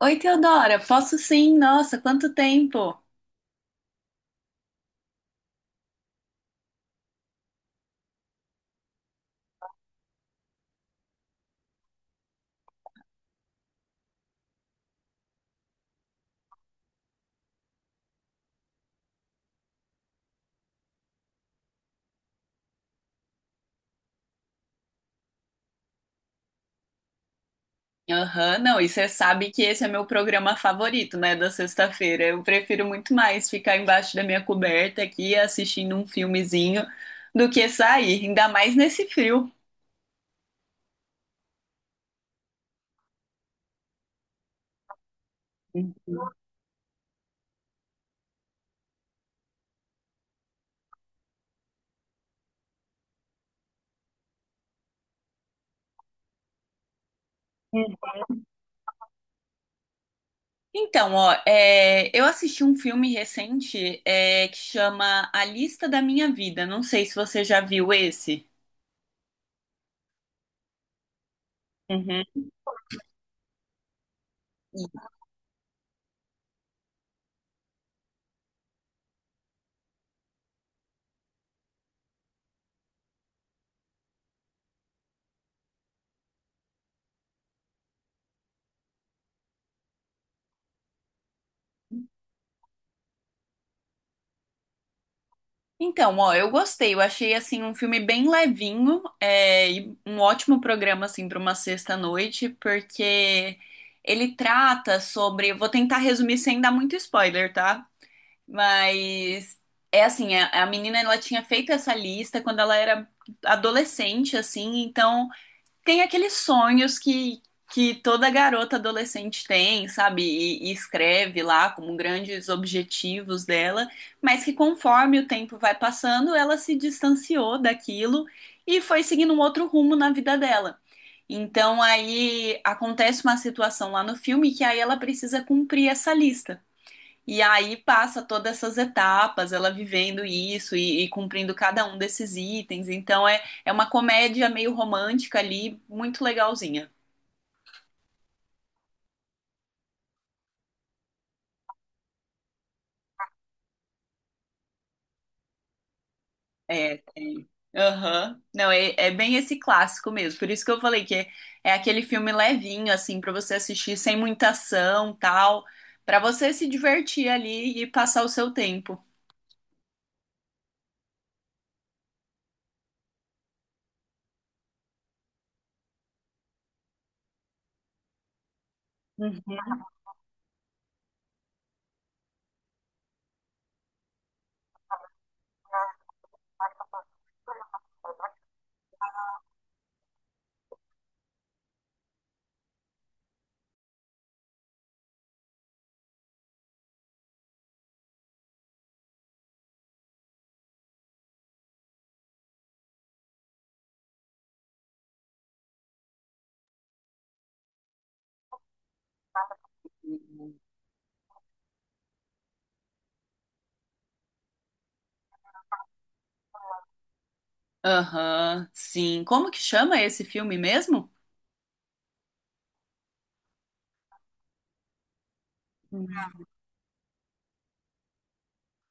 Oi, Teodora, posso sim, nossa, quanto tempo! Aham, não, e você sabe que esse é meu programa favorito, né, da sexta-feira. Eu prefiro muito mais ficar embaixo da minha coberta aqui assistindo um filmezinho do que sair, ainda mais nesse frio. Hum. Então, ó, eu assisti um filme recente, que chama A Lista da Minha Vida. Não sei se você já viu esse. Uhum. Então, ó, eu gostei. Eu achei assim um filme bem levinho, e um ótimo programa assim para uma sexta-noite, porque ele trata sobre. Vou tentar resumir sem dar muito spoiler, tá? Mas é assim, a menina ela tinha feito essa lista quando ela era adolescente, assim, então tem aqueles sonhos que toda garota adolescente tem, sabe? E escreve lá como grandes objetivos dela, mas que conforme o tempo vai passando, ela se distanciou daquilo e foi seguindo um outro rumo na vida dela. Então aí acontece uma situação lá no filme que aí ela precisa cumprir essa lista. E aí passa todas essas etapas, ela vivendo isso e cumprindo cada um desses itens. Então é, é uma comédia meio romântica ali, muito legalzinha. É, tem. Aham. Não, é, é bem esse clássico mesmo. Por isso que eu falei é aquele filme levinho, assim, pra você assistir sem muita ação, tal, pra você se divertir ali e passar o seu tempo. Uhum. Aham, sim. Como que chama esse filme mesmo?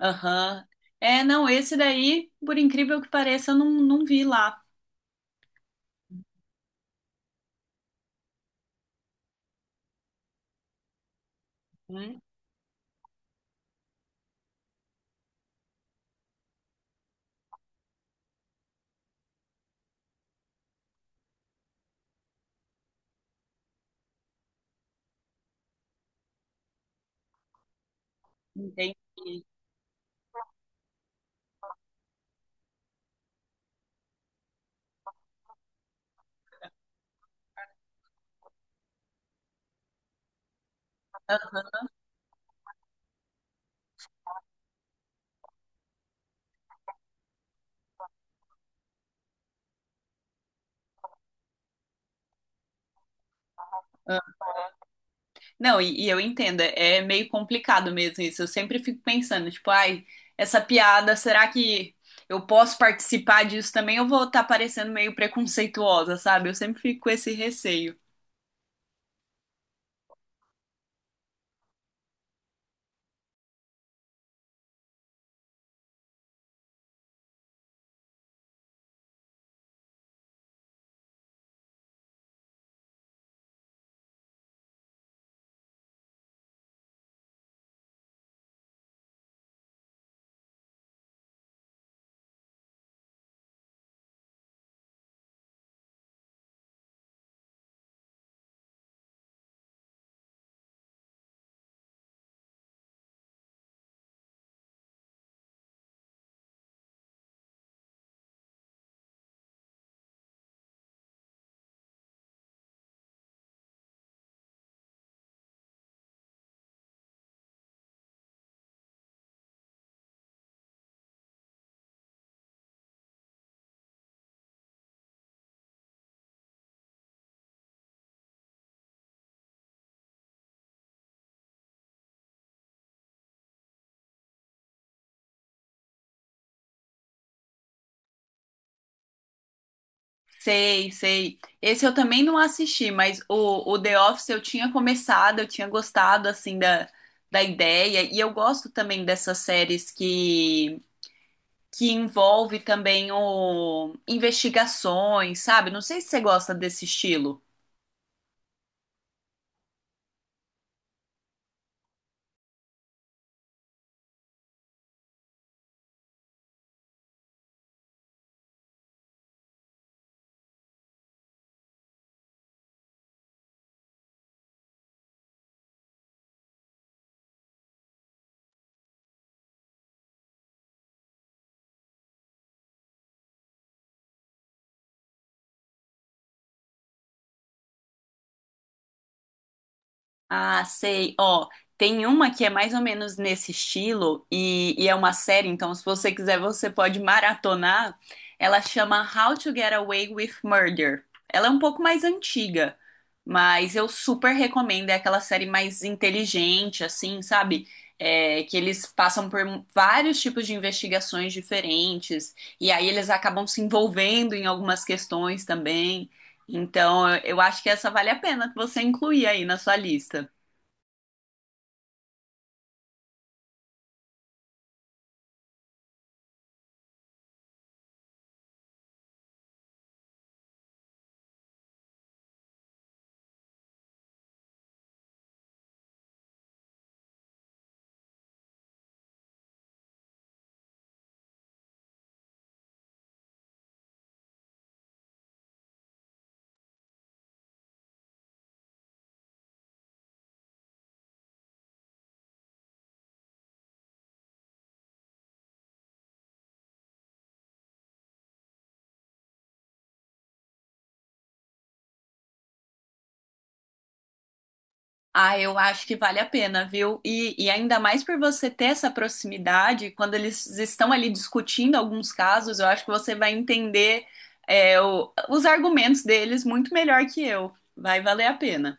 Aham. É, não, esse daí, por incrível que pareça, eu não, não vi lá. Hum? Entendi. Ah, não, e eu entendo, é meio complicado mesmo isso. Eu sempre fico pensando, tipo, ai, essa piada, será que eu posso participar disso também? Eu vou estar parecendo meio preconceituosa, sabe? Eu sempre fico com esse receio. Sei, sei. Esse eu também não assisti, mas o The Office eu tinha começado, eu tinha gostado, assim, da ideia. E eu gosto também dessas séries que envolve também o investigações, sabe? Não sei se você gosta desse estilo. Ah, sei. Ó, tem uma que é mais ou menos nesse estilo e é uma série, então se você quiser você pode maratonar. Ela chama How to Get Away with Murder. Ela é um pouco mais antiga, mas eu super recomendo. É aquela série mais inteligente, assim, sabe? É, que eles passam por vários tipos de investigações diferentes e aí eles acabam se envolvendo em algumas questões também. Então, eu acho que essa vale a pena você incluir aí na sua lista. Ah, eu acho que vale a pena, viu? E ainda mais por você ter essa proximidade, quando eles estão ali discutindo alguns casos, eu acho que você vai entender, é, o- os argumentos deles muito melhor que eu. Vai valer a pena.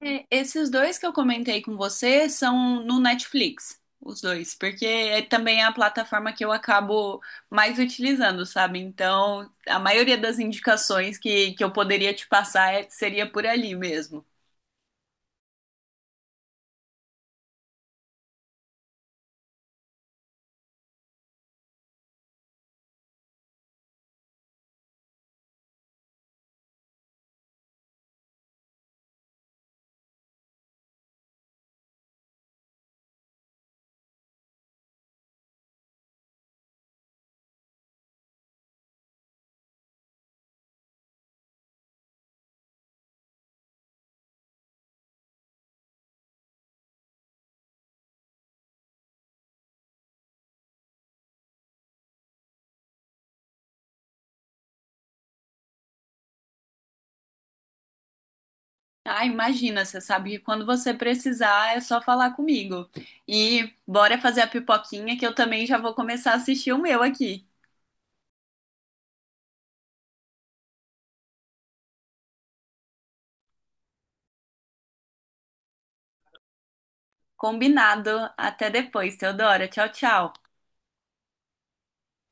É, esses dois que eu comentei com você são no Netflix, os dois, porque é também a plataforma que eu acabo mais utilizando, sabe? Então, a maioria das indicações que eu poderia te passar é- seria por ali mesmo. Ah, imagina, você sabe que quando você precisar é só falar comigo. E bora fazer a pipoquinha que eu também já vou começar a assistir o meu aqui. Combinado. Até depois, Teodora. Tchau, tchau.